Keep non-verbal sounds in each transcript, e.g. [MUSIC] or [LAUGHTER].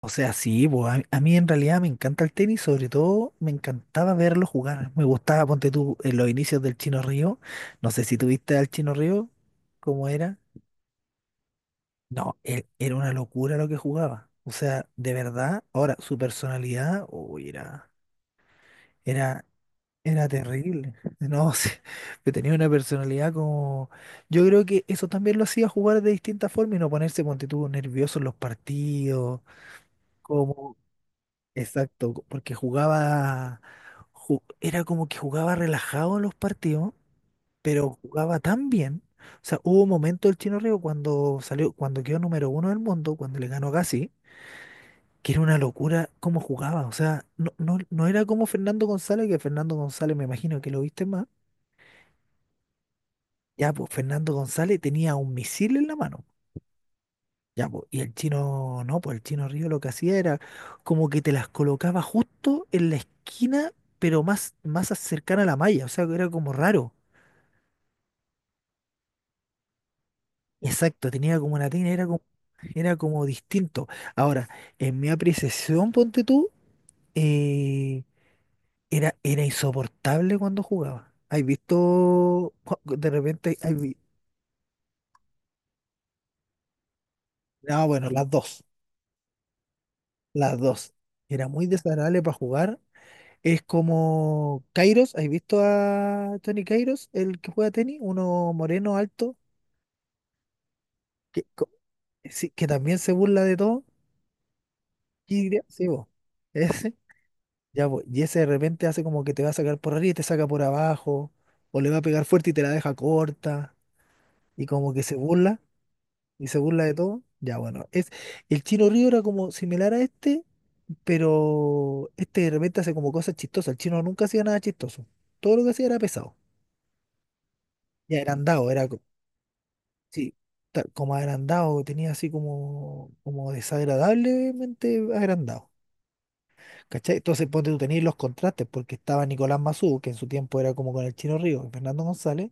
O sea, sí, pues, a mí en realidad me encanta el tenis, sobre todo me encantaba verlo jugar. Me gustaba, ponte tú, en los inicios del Chino Río. No sé si tuviste al Chino Río, ¿cómo era? No, él, era una locura lo que jugaba. O sea, de verdad, ahora su personalidad, uy, era, era terrible. No sé, [LAUGHS] que tenía una personalidad como. Yo creo que eso también lo hacía jugar de distinta forma y no ponerse, ponte tú, nervioso en los partidos. Como. Exacto, porque jugaba, era como que jugaba relajado los partidos, pero jugaba tan bien. O sea, hubo un momento el Chino Río cuando salió, cuando quedó número uno del mundo, cuando le ganó a Gassi, que era una locura cómo jugaba. O sea, no era como Fernando González, que Fernando González me imagino que lo viste más. Ya, pues Fernando González tenía un misil en la mano. Ya, po, y el chino, no, pues el chino Río lo que hacía era como que te las colocaba justo en la esquina, pero más cercana a la malla, o sea, que era como raro. Exacto, tenía como una tina, era como distinto. Ahora, en mi apreciación, ponte tú, eh, era, era insoportable cuando jugaba. ¿Has visto? De repente, hay no, bueno, las dos, las dos. Era muy desagradable para jugar. Es como Kairos, ¿has visto a Tony Kairos, el que juega tenis? Uno moreno, alto, que, sí, que también se burla de todo. Y diría, sí, vos, [LAUGHS] ese, ya, vos, y ese de repente hace como que te va a sacar por arriba y te saca por abajo, o le va a pegar fuerte y te la deja corta, y como que se burla, y se burla de todo. Ya, bueno, es, el Chino Río era como similar a este, pero este de repente hace como cosas chistosas. El chino nunca hacía nada chistoso. Todo lo que hacía era pesado. Ya era agrandado, era. Sí, como agrandado, tenía así como, como desagradablemente agrandado. ¿Cachai? Entonces ponte tú tenías los contrastes, porque estaba Nicolás Massú, que en su tiempo era como con el Chino Río y Fernando González,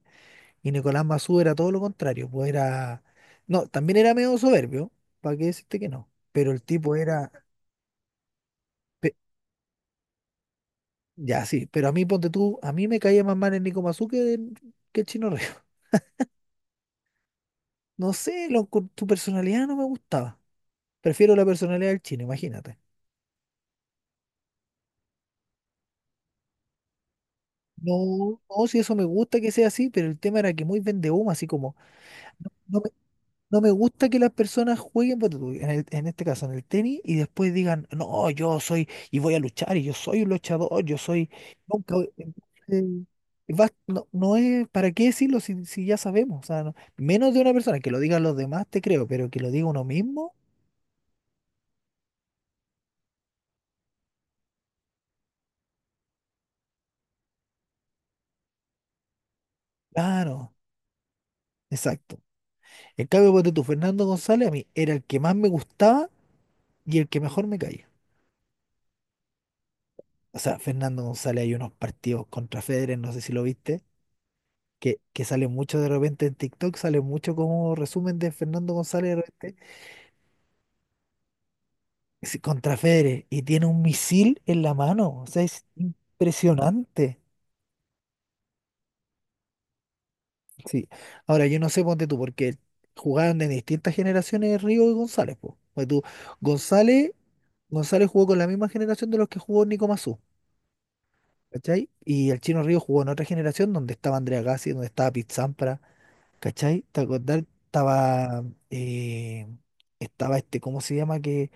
y Nicolás Massú era todo lo contrario, pues era. No, también era medio soberbio, ¿para qué decirte que no? Pero el tipo era. pe- Ya, sí, pero a mí ponte tú, a mí me caía más mal el Nico Massú que, que el Chino Río. [LAUGHS] No sé, lo, con tu personalidad no me gustaba. Prefiero la personalidad del Chino, imagínate. No, no, si eso me gusta que sea así, pero el tema era que muy vende humo, así como, no, no me gusta que las personas jueguen, ponte tú, en este caso, en el tenis, y después digan, no, yo soy, y voy a luchar, y yo soy un luchador, yo soy, nunca, voy-". Entonces, no, no es, ¿para qué decirlo si, si ya sabemos? O sea, no- menos de una persona, que lo digan los demás, te creo, pero que lo diga uno mismo, claro, exacto. En cambio, ponte tú, Fernando González, a mí era el que más me gustaba y el que mejor me caía. O sea, Fernando González hay unos partidos contra Federer, no sé si lo viste, que sale mucho de repente en TikTok, sale mucho como resumen de Fernando González de repente, es contra Federer y tiene un misil en la mano. O sea, es impresionante. Sí. Ahora, yo no sé, ponte tú, porque jugaron de distintas generaciones Río y González, pues. Pues tú, González, González jugó con la misma generación de los que jugó Nico Massú, ¿cachai? Y el Chino Río jugó en otra generación donde estaba Andrea Gassi, donde estaba Pete Sampras. ¿Cachai? ¿Te acordás? Estaba, eh, estaba este, ¿cómo se llama? Que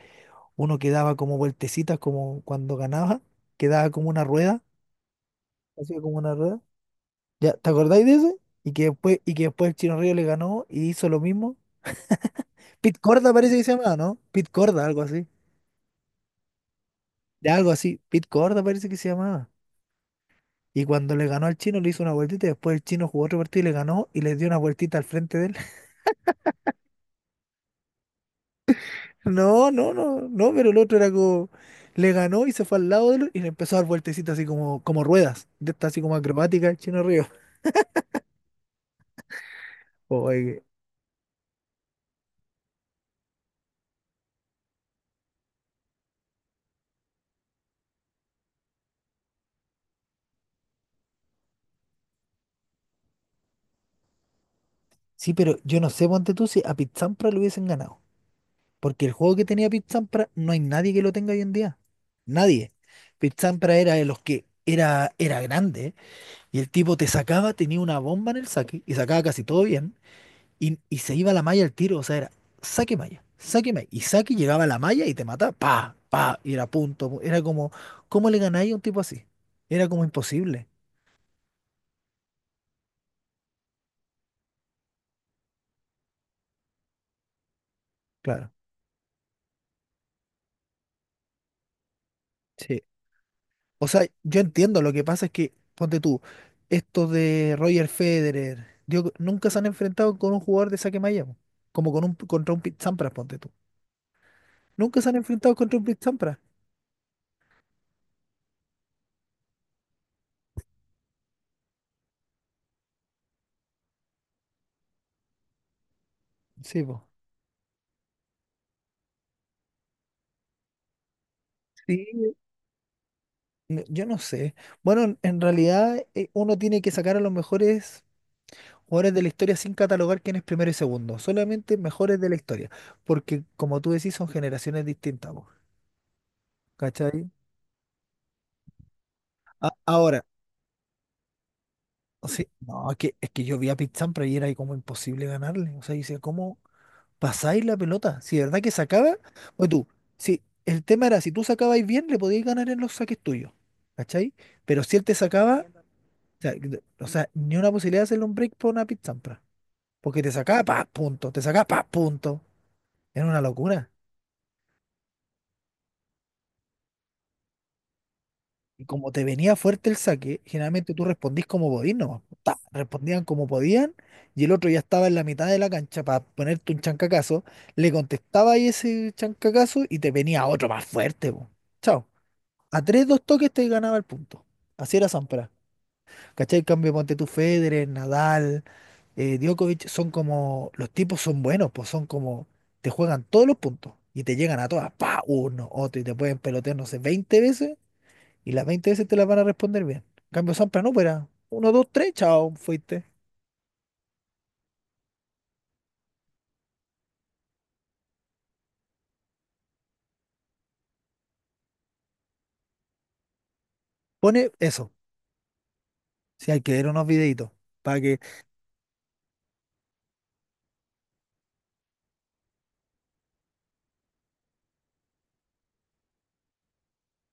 uno quedaba como vueltecitas, como cuando ganaba, quedaba como una rueda, hacía como una rueda. ¿Ya? ¿Te acordáis de ese? Y que después el Chino Río le ganó y hizo lo mismo. Pit Corda parece que se llamaba, ¿no? Pit Corda, algo así. De algo así. Pit Corda parece que se llamaba. Y cuando le ganó al Chino le hizo una vueltita y después el Chino jugó otro partido y le ganó y le dio una vueltita al frente de él. No, no, no, no, pero el otro era como, le ganó y se fue al lado de él y le empezó a dar vueltecitas así como, como ruedas, de estas así como acrobáticas, el Chino Río. Oye, sí, pero yo no sé, ponte tú, si a Pizzampra lo hubiesen ganado, porque el juego que tenía Pizzampra no hay nadie que lo tenga hoy en día, nadie. Pizzampra era de los que era, era grande y el tipo te sacaba, tenía una bomba en el saque y sacaba casi todo bien. Y se iba a la malla el tiro, o sea, era saque malla, saque malla. Y saque llegaba a la malla y te mataba, pa, pa, y era punto. Era como, ¿cómo le ganáis a un tipo así? Era como imposible, claro. Sí, o sea, yo entiendo, lo que pasa es que, ponte tú, estos de Roger Federer, Djokovic, nunca se han enfrentado con un jugador de saque malla, po. Como con un, contra un Pete Sampras, ponte tú. Nunca se han enfrentado contra un Pete Sampras. Sí, po. Sí, no, yo no sé. Bueno, en realidad uno tiene que sacar a los mejores jugadores de la historia sin catalogar quién es primero y segundo, solamente mejores de la historia, porque como tú decís, son generaciones distintas, po, ¿cachai? Ahora, sí, no, es que yo vi a Pete Sampras y era ahí como imposible ganarle, o sea, dice, ¿cómo pasáis la pelota? Si de verdad que sacaba, o tú, si el tema era, si tú sacabais bien, le podías ganar en los saques tuyos, ¿cachai? Pero si él te sacaba, o sea, o sea, ni una posibilidad de hacerle un break por una Pete Sampras, porque te sacaba, pa, punto, te sacaba, pa, punto, era una locura. Y como te venía fuerte el saque, generalmente tú respondís como podís nomás. Ta, respondían como podían y el otro ya estaba en la mitad de la cancha para ponerte un chancacazo. Le contestaba ahí ese chancacazo y te venía otro más fuerte, po. Chao. A tres, dos toques te ganaba el punto. Así era Sampras. ¿Cachai? En cambio, ponte tú, Federer, Nadal, Djokovic, son como, los tipos son buenos, pues son como, te juegan todos los puntos y te llegan a todas, pa, uno, otro, y te pueden pelotear, no sé, 20 veces y las 20 veces te las van a responder bien. En cambio, Sampras no, pero uno, dos, tres, chao, fuiste. Pone eso. Si hay que ver unos videitos. Para que.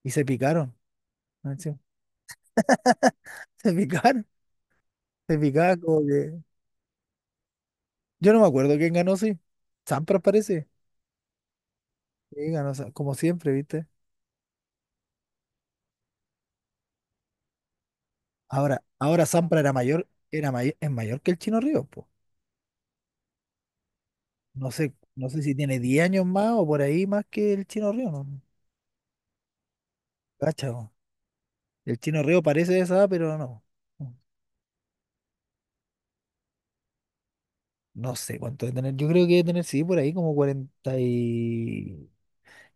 Y se picaron. ¿No? Sí, [LAUGHS] se picaron. Se picaron como que. Yo no me acuerdo quién ganó, sí. Sampras parece. Sí, ganó, como siempre, ¿viste? Ahora, ahora Sampras era mayor, era es mayor que el Chino Río, pues. No sé, no sé si tiene 10 años más o por ahí más que el Chino Río, no. Cacha, po. El Chino Río parece de esa edad, pero no. No. No sé cuánto debe tener. Yo creo que debe tener, sí, por ahí como 40 y...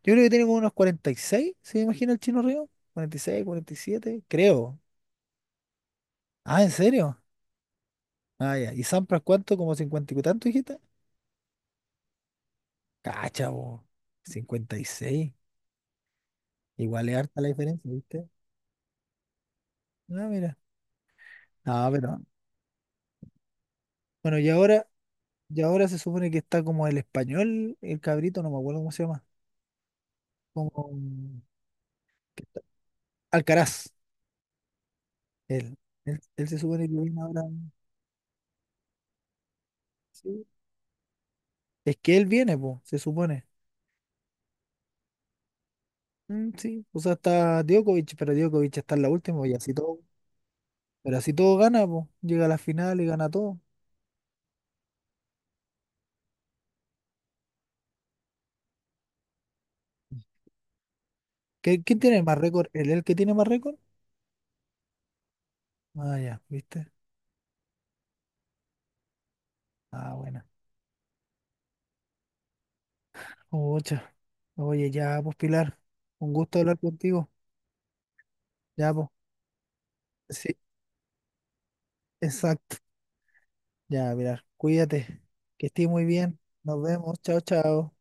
Yo creo que tiene como unos 46, ¿se imagina el Chino Río? 40, 46, 47 creo. Ah, ¿en serio? Ah, ya. ¿Y Sampras cuánto? ¿Como 50 y tanto, dijiste? Cacha, po. 56. Igual es harta la diferencia, ¿viste? Ah, mira. Ah, pero... Bueno, y ahora se supone que está como el español, el cabrito, no me acuerdo cómo se llama. Como... que está- Alcaraz. Él. Él se supone que viene ahora... Sí, es que él viene, pues, se supone. Mm, sí, o sea, está Djokovic, pero Djokovic está en la última y así todo. Pero así todo gana, pues. Llega a la final y gana todo. ¿Qué- ¿Quién tiene más récord? El que tiene más récord? Ah, ya, ¿viste? Ah, buena. Ocha. Oye, ya, pues, Pilar. Un gusto hablar contigo. Ya, pues. Sí, exacto. Ya, Pilar. Cuídate. Que estés muy bien. Nos vemos. Chao, chao.